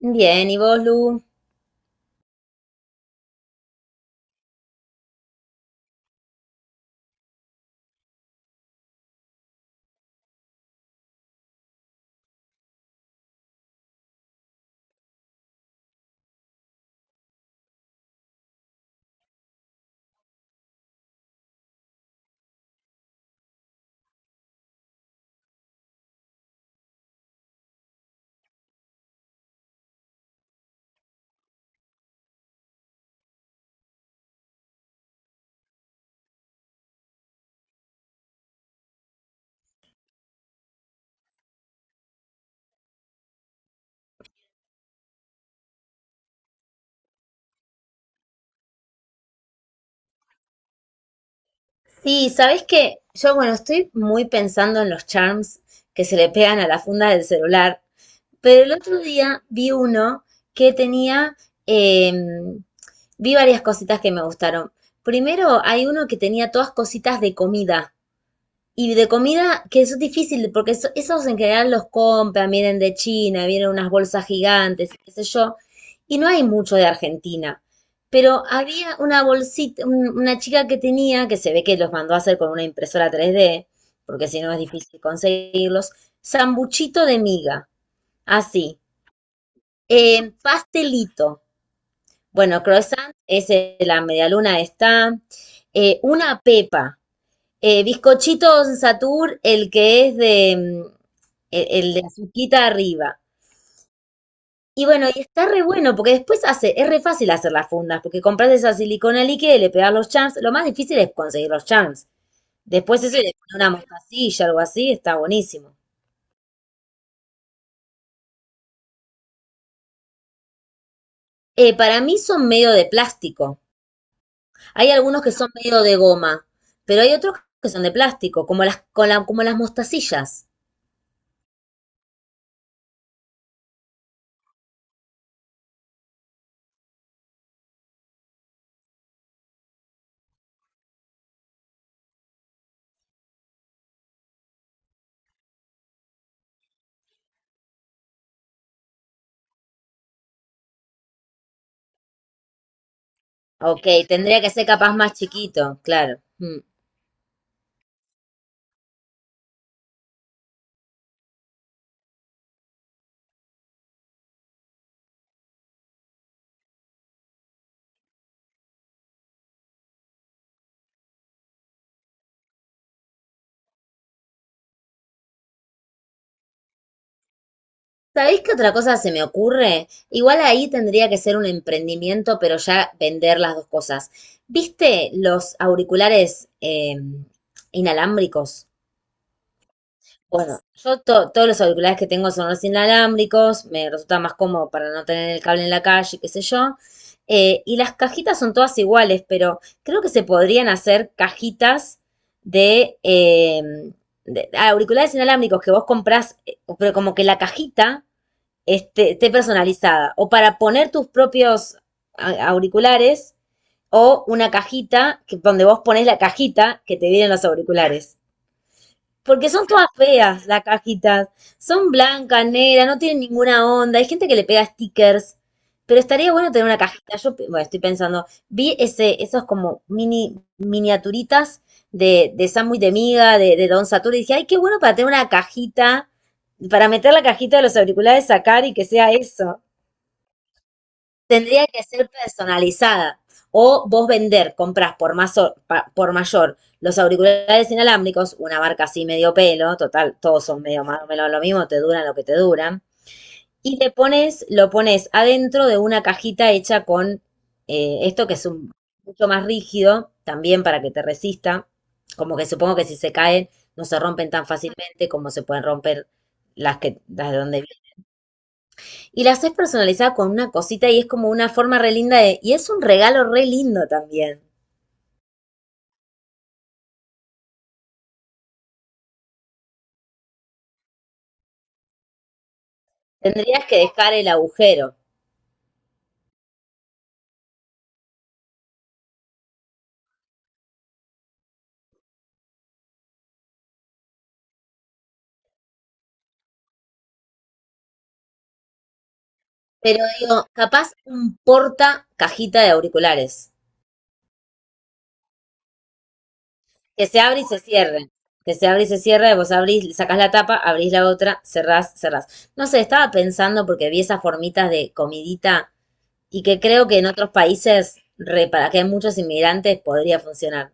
Bien, ¿y vos, Lu? Sí, ¿sabés qué? Yo, bueno, estoy muy pensando en los charms que se le pegan a la funda del celular, pero el otro día vi uno que tenía, em, vi varias cositas que me gustaron. Primero, hay uno que tenía todas cositas de comida. Y de comida, que eso es difícil, porque esos en general los compran, vienen de China, vienen unas bolsas gigantes, qué sé yo, y no hay mucho de Argentina. Pero había una bolsita, una chica que tenía, que se ve que los mandó a hacer con una impresora 3D, porque si no es difícil conseguirlos, sambuchito de miga, así, pastelito, bueno, croissant, ese, la medialuna está, una pepa, bizcochito Don Satur, el que es de el de azuquita arriba. Y bueno, y está re bueno, porque después hace, es re fácil hacer las fundas, porque compras esa silicona líquida y le pegas los charms. Lo más difícil es conseguir los charms. Después ese le pones una mostacilla, algo así, está buenísimo. Para mí son medio de plástico. Hay algunos que son medio de goma, pero hay otros que son de plástico, como las mostacillas. Ok, tendría que ser capaz más chiquito, claro. Mm. ¿Sabéis qué otra cosa se me ocurre? Igual ahí tendría que ser un emprendimiento, pero ya vender las dos cosas. ¿Viste los auriculares inalámbricos? Bueno, yo todos los auriculares que tengo son los inalámbricos, me resulta más cómodo para no tener el cable en la calle, qué sé yo. Y las cajitas son todas iguales, pero creo que se podrían hacer cajitas de, eh, auriculares inalámbricos que vos comprás, pero como que la cajita esté personalizada. O para poner tus propios auriculares o una cajita que, donde vos pones la cajita que te vienen los auriculares. Porque son todas feas las cajitas. Son blancas, negras, no tienen ninguna onda. Hay gente que le pega stickers. Pero estaría bueno tener una cajita. Yo, bueno, estoy pensando, vi esos como miniaturitas de sándwich de miga, de Don Satur, y dije, ay, qué bueno para tener una cajita, para meter la cajita de los auriculares, sacar y que sea eso tendría que ser personalizada. O vos vender, compras por, por mayor los auriculares inalámbricos, una marca así medio pelo, total, todos son medio más o menos lo mismo, te duran lo que te duran. Y te pones, lo pones adentro de una cajita hecha con esto que es mucho más rígido, también para que te resista. Como que supongo que si se caen, no se rompen tan fácilmente como se pueden romper las que, las de donde y las haces personalizada con una cosita y es como una forma re linda de, y es un regalo re lindo también. Tendrías que dejar el agujero. Pero digo, capaz un porta cajita de auriculares, que se abre y se cierre, que se abre y se cierra, vos abrís, sacás la tapa, abrís la otra, cerrás, cerrás. No sé, estaba pensando porque vi esas formitas de comidita y que creo que en otros países, re, para que hay muchos inmigrantes, podría funcionar.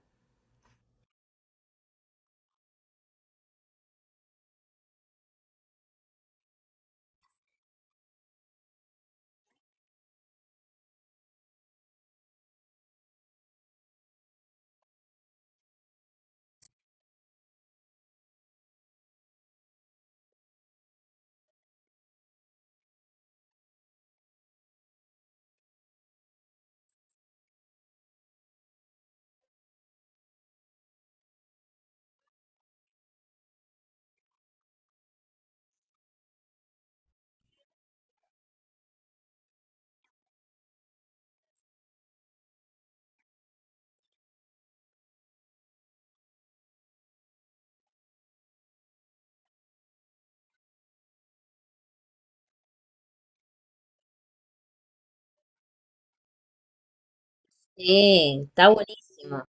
Sí, está buenísimo.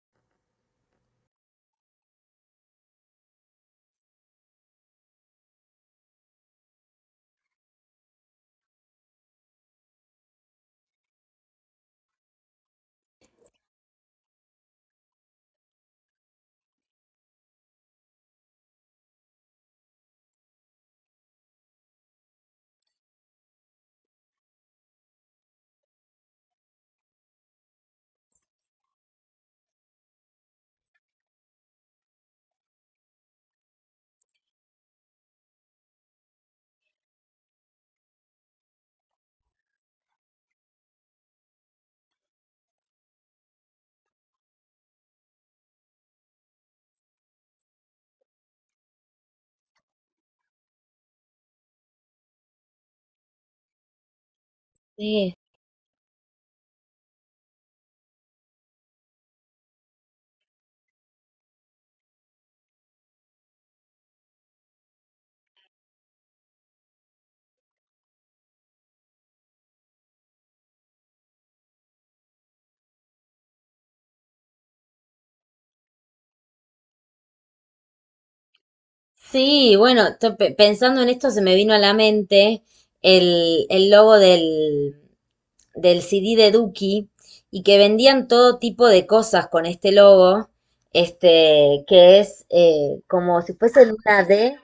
Sí. Sí, bueno, pensando en esto se me vino a la mente el logo del CD de Duki y que vendían todo tipo de cosas con este logo, que es como si fuese una D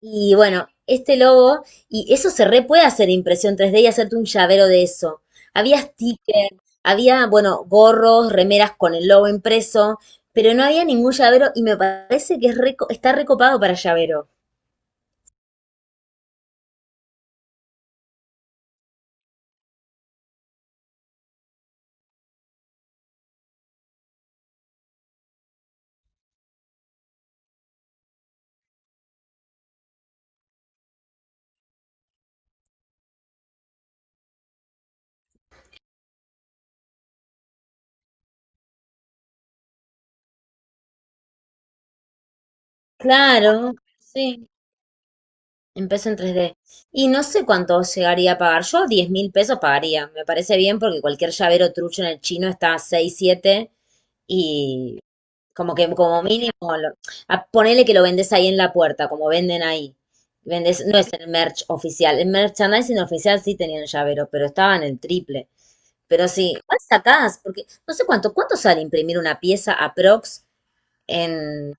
y bueno, este logo y eso se re puede hacer impresión 3D y hacerte un llavero de eso. Había stickers, había, bueno, gorros, remeras con el logo impreso, pero no había ningún llavero y me parece que es está recopado para llavero. Claro, sí, empezó en 3D. Y no sé cuánto llegaría a pagar. Yo diez mil pesos pagaría. Me parece bien porque cualquier llavero trucho en el chino está a 6, 7 y como que como mínimo, ponele que lo vendes ahí en la puerta, como venden ahí. Vendes, no es el merch oficial. El merchandising oficial sí tenían llavero, pero estaban el triple. Pero sí, igual sacás, porque no sé cuánto, ¿cuánto sale imprimir una pieza aprox en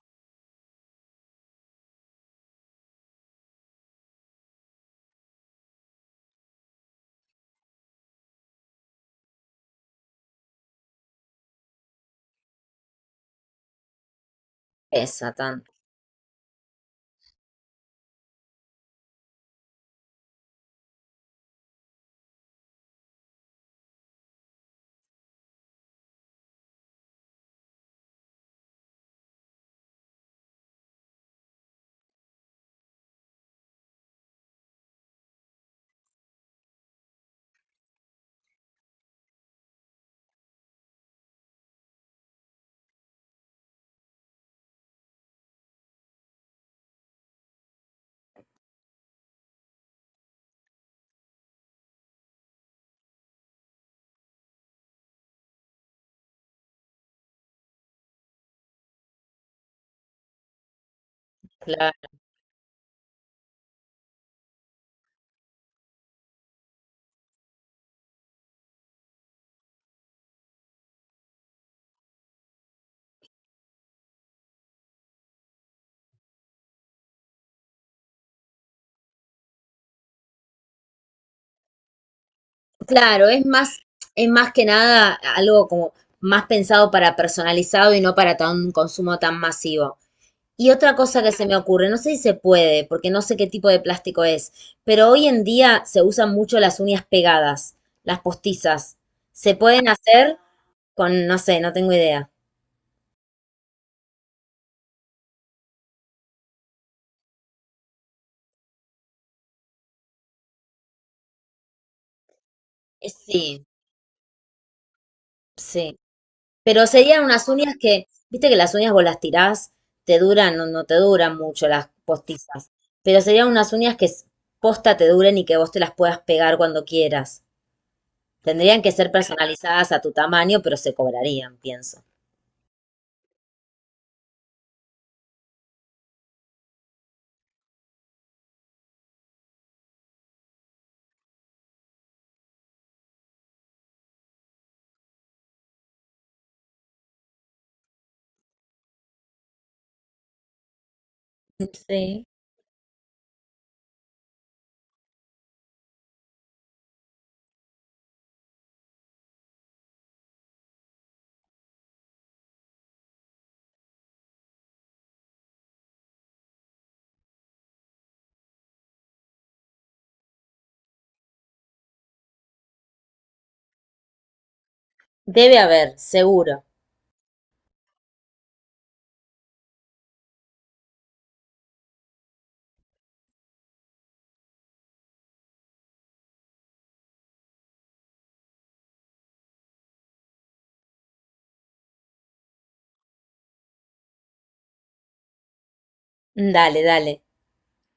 esa tan? Claro. Claro, es más que nada algo como más pensado para personalizado y no para tan- un consumo tan masivo. Y otra cosa que se me ocurre, no sé si se puede, porque no sé qué tipo de plástico es, pero hoy en día se usan mucho las uñas pegadas, las postizas. ¿Se pueden hacer con, no sé, no tengo idea? Sí, sí. Pero serían unas uñas que, viste que las uñas vos las tirás, te duran o no te duran mucho las postizas, pero serían unas uñas que posta te duren y que vos te las puedas pegar cuando quieras. Tendrían que ser personalizadas a tu tamaño, pero se cobrarían, pienso. Sí, debe haber, seguro. Dale, dale.